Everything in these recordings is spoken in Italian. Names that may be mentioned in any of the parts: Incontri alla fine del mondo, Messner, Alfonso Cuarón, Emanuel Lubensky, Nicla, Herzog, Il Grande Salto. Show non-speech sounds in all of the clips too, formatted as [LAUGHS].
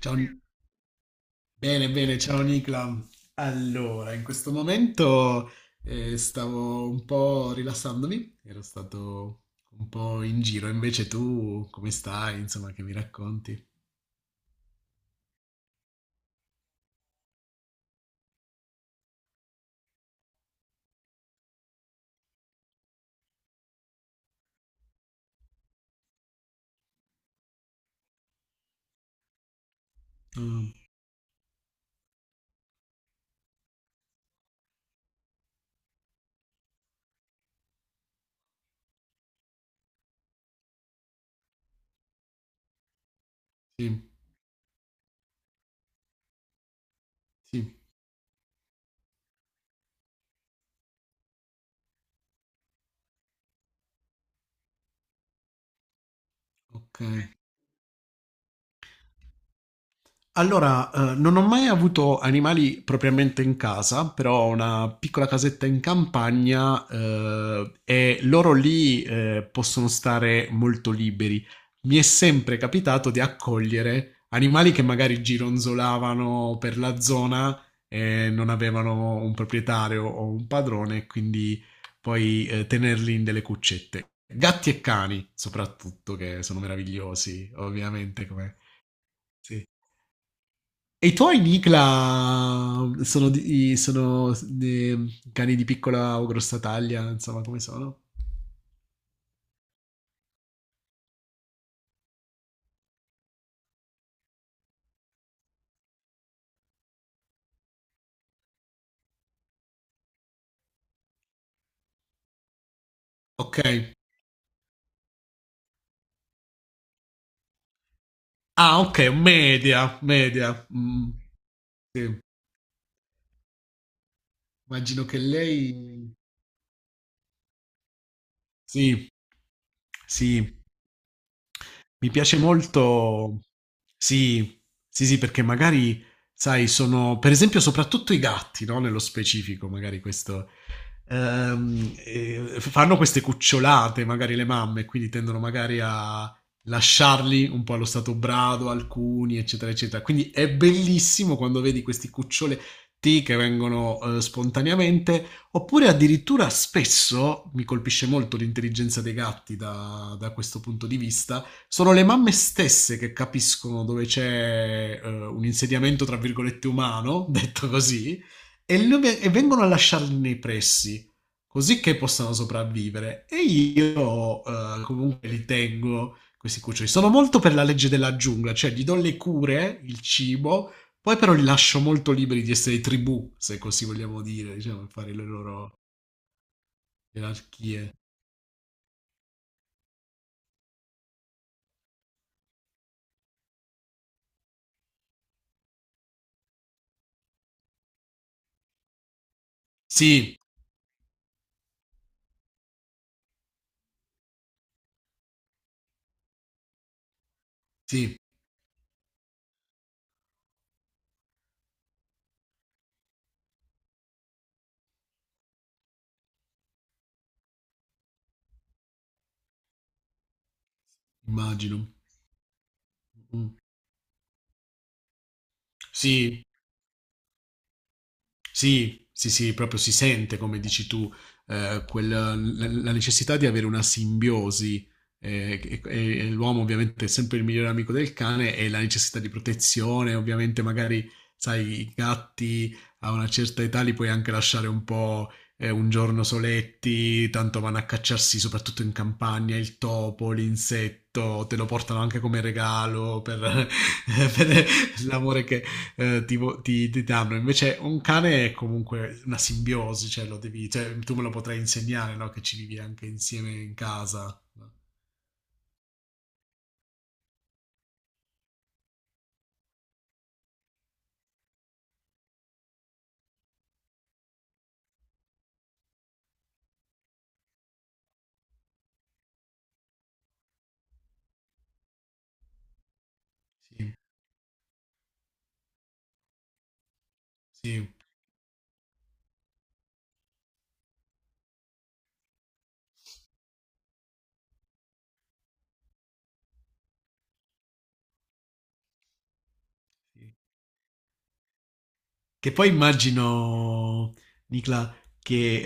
Ciao, bene, bene, ciao Nicla. Allora, in questo momento stavo un po' rilassandomi, ero stato un po' in giro, invece tu come stai? Insomma, che mi racconti? Ah, sì, sì, ok. Allora, non ho mai avuto animali propriamente in casa, però ho una piccola casetta in campagna, e loro lì, possono stare molto liberi. Mi è sempre capitato di accogliere animali che magari gironzolavano per la zona e non avevano un proprietario o un padrone, quindi poi, tenerli in delle cuccette. Gatti e cani, soprattutto, che sono meravigliosi, ovviamente, come. Sì. E i tuoi Nicla sono, cani di piccola o grossa taglia, insomma, come sono? Ok. Ah, ok, media, media. Mm, sì. Immagino che lei. Sì, sì. Mi piace molto. Sì, sì, sì, perché magari, sai, sono, per esempio, soprattutto i gatti, no? Nello specifico, magari questo. Fanno queste cucciolate, magari le mamme, quindi tendono magari a lasciarli un po' allo stato brado, alcuni, eccetera, eccetera. Quindi è bellissimo quando vedi questi cuccioletti che vengono spontaneamente, oppure addirittura spesso mi colpisce molto l'intelligenza dei gatti da questo punto di vista. Sono le mamme stesse che capiscono dove c'è un insediamento, tra virgolette, umano, [LAUGHS] detto così, e vengono a lasciarli nei pressi, così che possano sopravvivere. E io comunque li tengo, questi cuccioli. Sono molto per la legge della giungla, cioè gli do le cure, il cibo, poi però li lascio molto liberi di essere tribù, se così vogliamo dire, diciamo, fare le loro gerarchie. Sì, sì, immagino. Mm. Sì, sì, sì, sì, proprio si sente, come dici tu, la necessità di avere una simbiosi. E l'uomo ovviamente è sempre il migliore amico del cane e la necessità di protezione, ovviamente magari, sai, i gatti a una certa età li puoi anche lasciare un po' un giorno soletti, tanto vanno a cacciarsi soprattutto in campagna il topo, l'insetto, te lo portano anche come regalo per, [LAUGHS] per l'amore che, ti danno. Invece un cane è comunque una simbiosi, cioè lo devi, cioè, tu me lo potrai insegnare, no? Che ci vivi anche insieme in casa. No? Sì, sì, sì. Che poi immagino, Nicla, che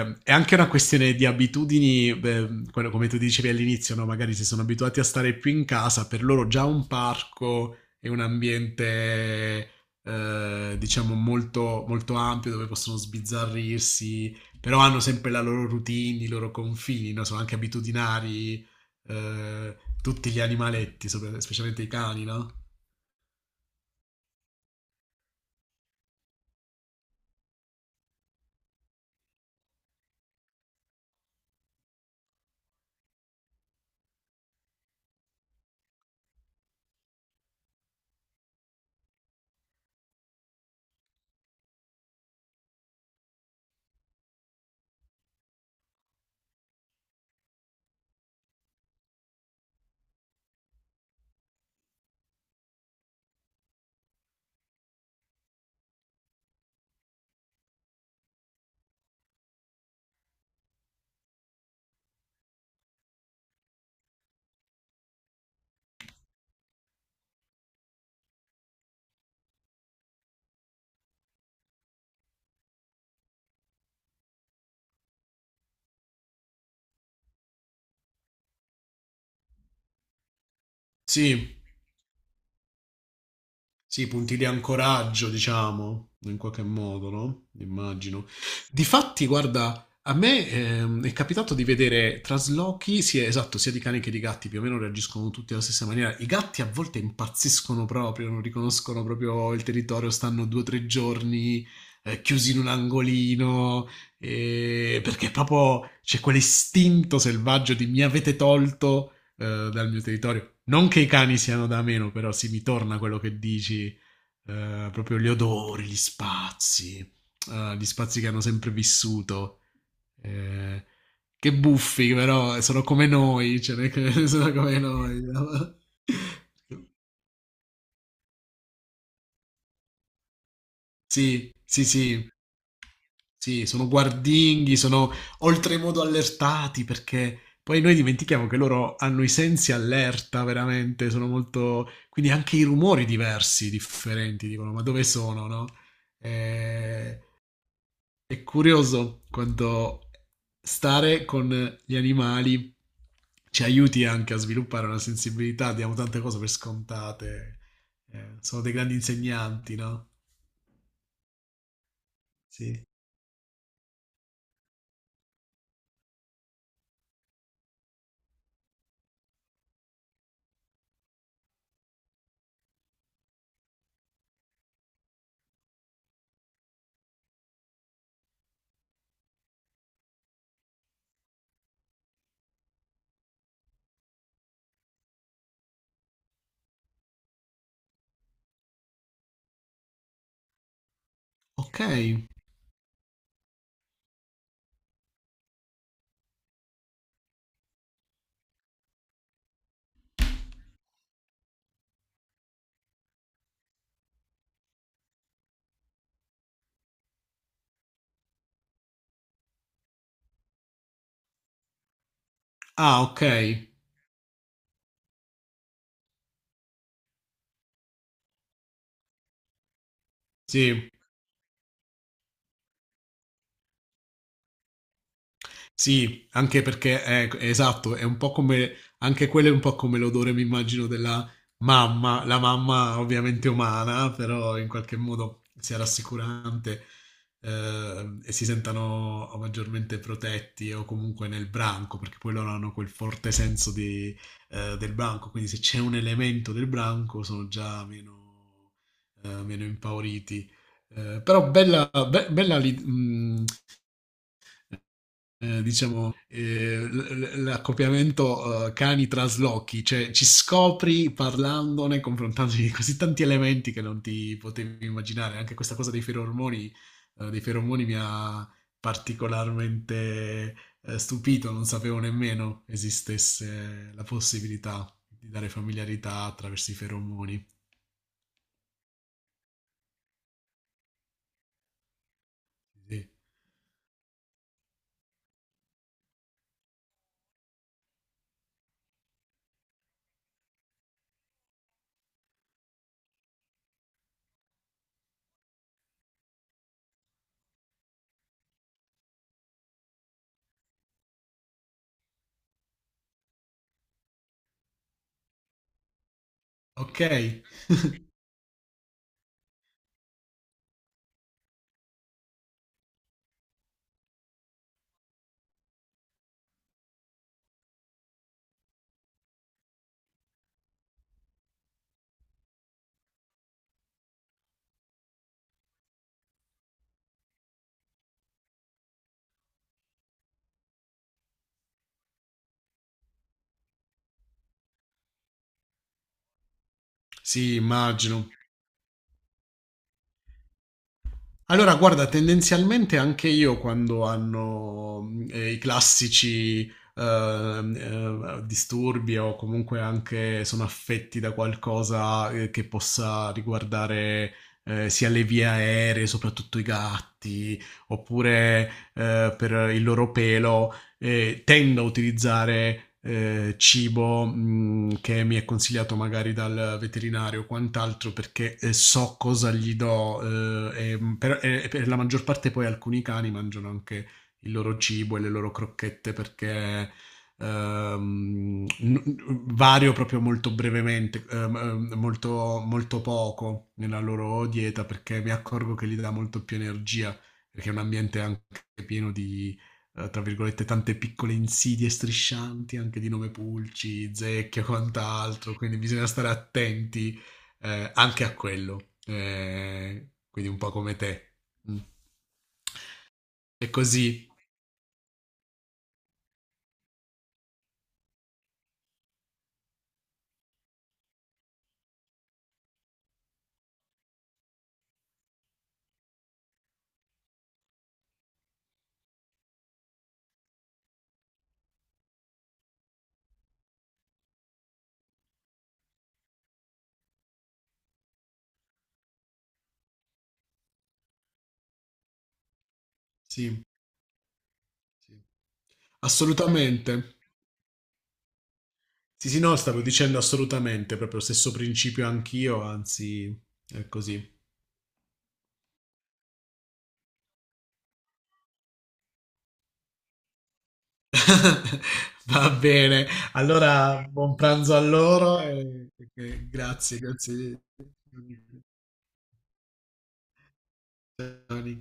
è anche una questione di abitudini, beh, come tu dicevi all'inizio, no? Magari se sono abituati a stare più in casa, per loro già un parco è un ambiente, diciamo, molto, molto ampio dove possono sbizzarrirsi, però hanno sempre la loro routine, i loro confini, no? Sono anche abitudinari, tutti gli animaletti, specialmente i cani, no? Sì. Sì, punti di ancoraggio, diciamo, in qualche modo, no? Immagino. Difatti, guarda, a me è capitato di vedere traslochi, sia, esatto, sia di cani che di gatti, più o meno reagiscono tutti alla stessa maniera. I gatti a volte impazziscono proprio, non riconoscono proprio il territorio, stanno due o tre giorni chiusi in un angolino, perché proprio c'è quell'istinto selvaggio di mi avete tolto dal mio territorio. Non che i cani siano da meno, però sì, mi torna quello che dici, proprio gli odori, gli spazi che hanno sempre vissuto. eh, che buffi, però sono come noi, cioè, [LAUGHS] non è che [LAUGHS] sono come noi. [LAUGHS] No? Sì, sì, sì. Sì, sono guardinghi, sono oltremodo allertati perché poi noi dimentichiamo che loro hanno i sensi allerta veramente, sono molto. Quindi anche i rumori diversi, differenti, dicono, ma dove sono, no? Eh, è curioso quanto stare con gli animali ci aiuti anche a sviluppare una sensibilità, diamo tante cose per scontate, sono dei grandi insegnanti, no? Sì. Ok. Ah, ok. Sì, sì, anche perché è esatto, è un po' come anche quello è un po' come l'odore, mi immagino, della mamma, la mamma ovviamente umana, però in qualche modo sia rassicurante e si sentano maggiormente protetti o comunque nel branco, perché poi loro hanno quel forte senso di, del branco, quindi se c'è un elemento del branco sono già meno impauriti. Però bella, diciamo, l'accoppiamento cani traslochi, cioè ci scopri parlandone, confrontandoti di così tanti elementi che non ti potevi immaginare. Anche questa cosa dei feromoni mi ha particolarmente stupito, non sapevo nemmeno esistesse la possibilità di dare familiarità attraverso i feromoni. Sì. Ok, sì, immagino. Allora, guarda, tendenzialmente anche io quando hanno i classici disturbi o comunque anche sono affetti da qualcosa che possa riguardare sia le vie aeree, soprattutto i gatti, oppure per il loro pelo, tendo a utilizzare cibo che mi è consigliato magari dal veterinario o quant'altro perché so cosa gli do e per la maggior parte poi alcuni cani mangiano anche il loro cibo e le loro crocchette perché ehm, n- vario proprio molto brevemente, molto, molto poco nella loro dieta perché mi accorgo che gli dà molto più energia perché è un ambiente anche pieno di tra virgolette, tante piccole insidie striscianti, anche di nome Pulci, Zecchia e quant'altro, quindi bisogna stare attenti anche a quello. Quindi un po' come te. Mm. È così, sì, sì. Assolutamente. Sì, sì, no, stavo dicendo assolutamente, proprio lo stesso principio anch'io, anzi, è così. [LAUGHS] Va bene, allora buon pranzo a loro e grazie, grazie. Johnny.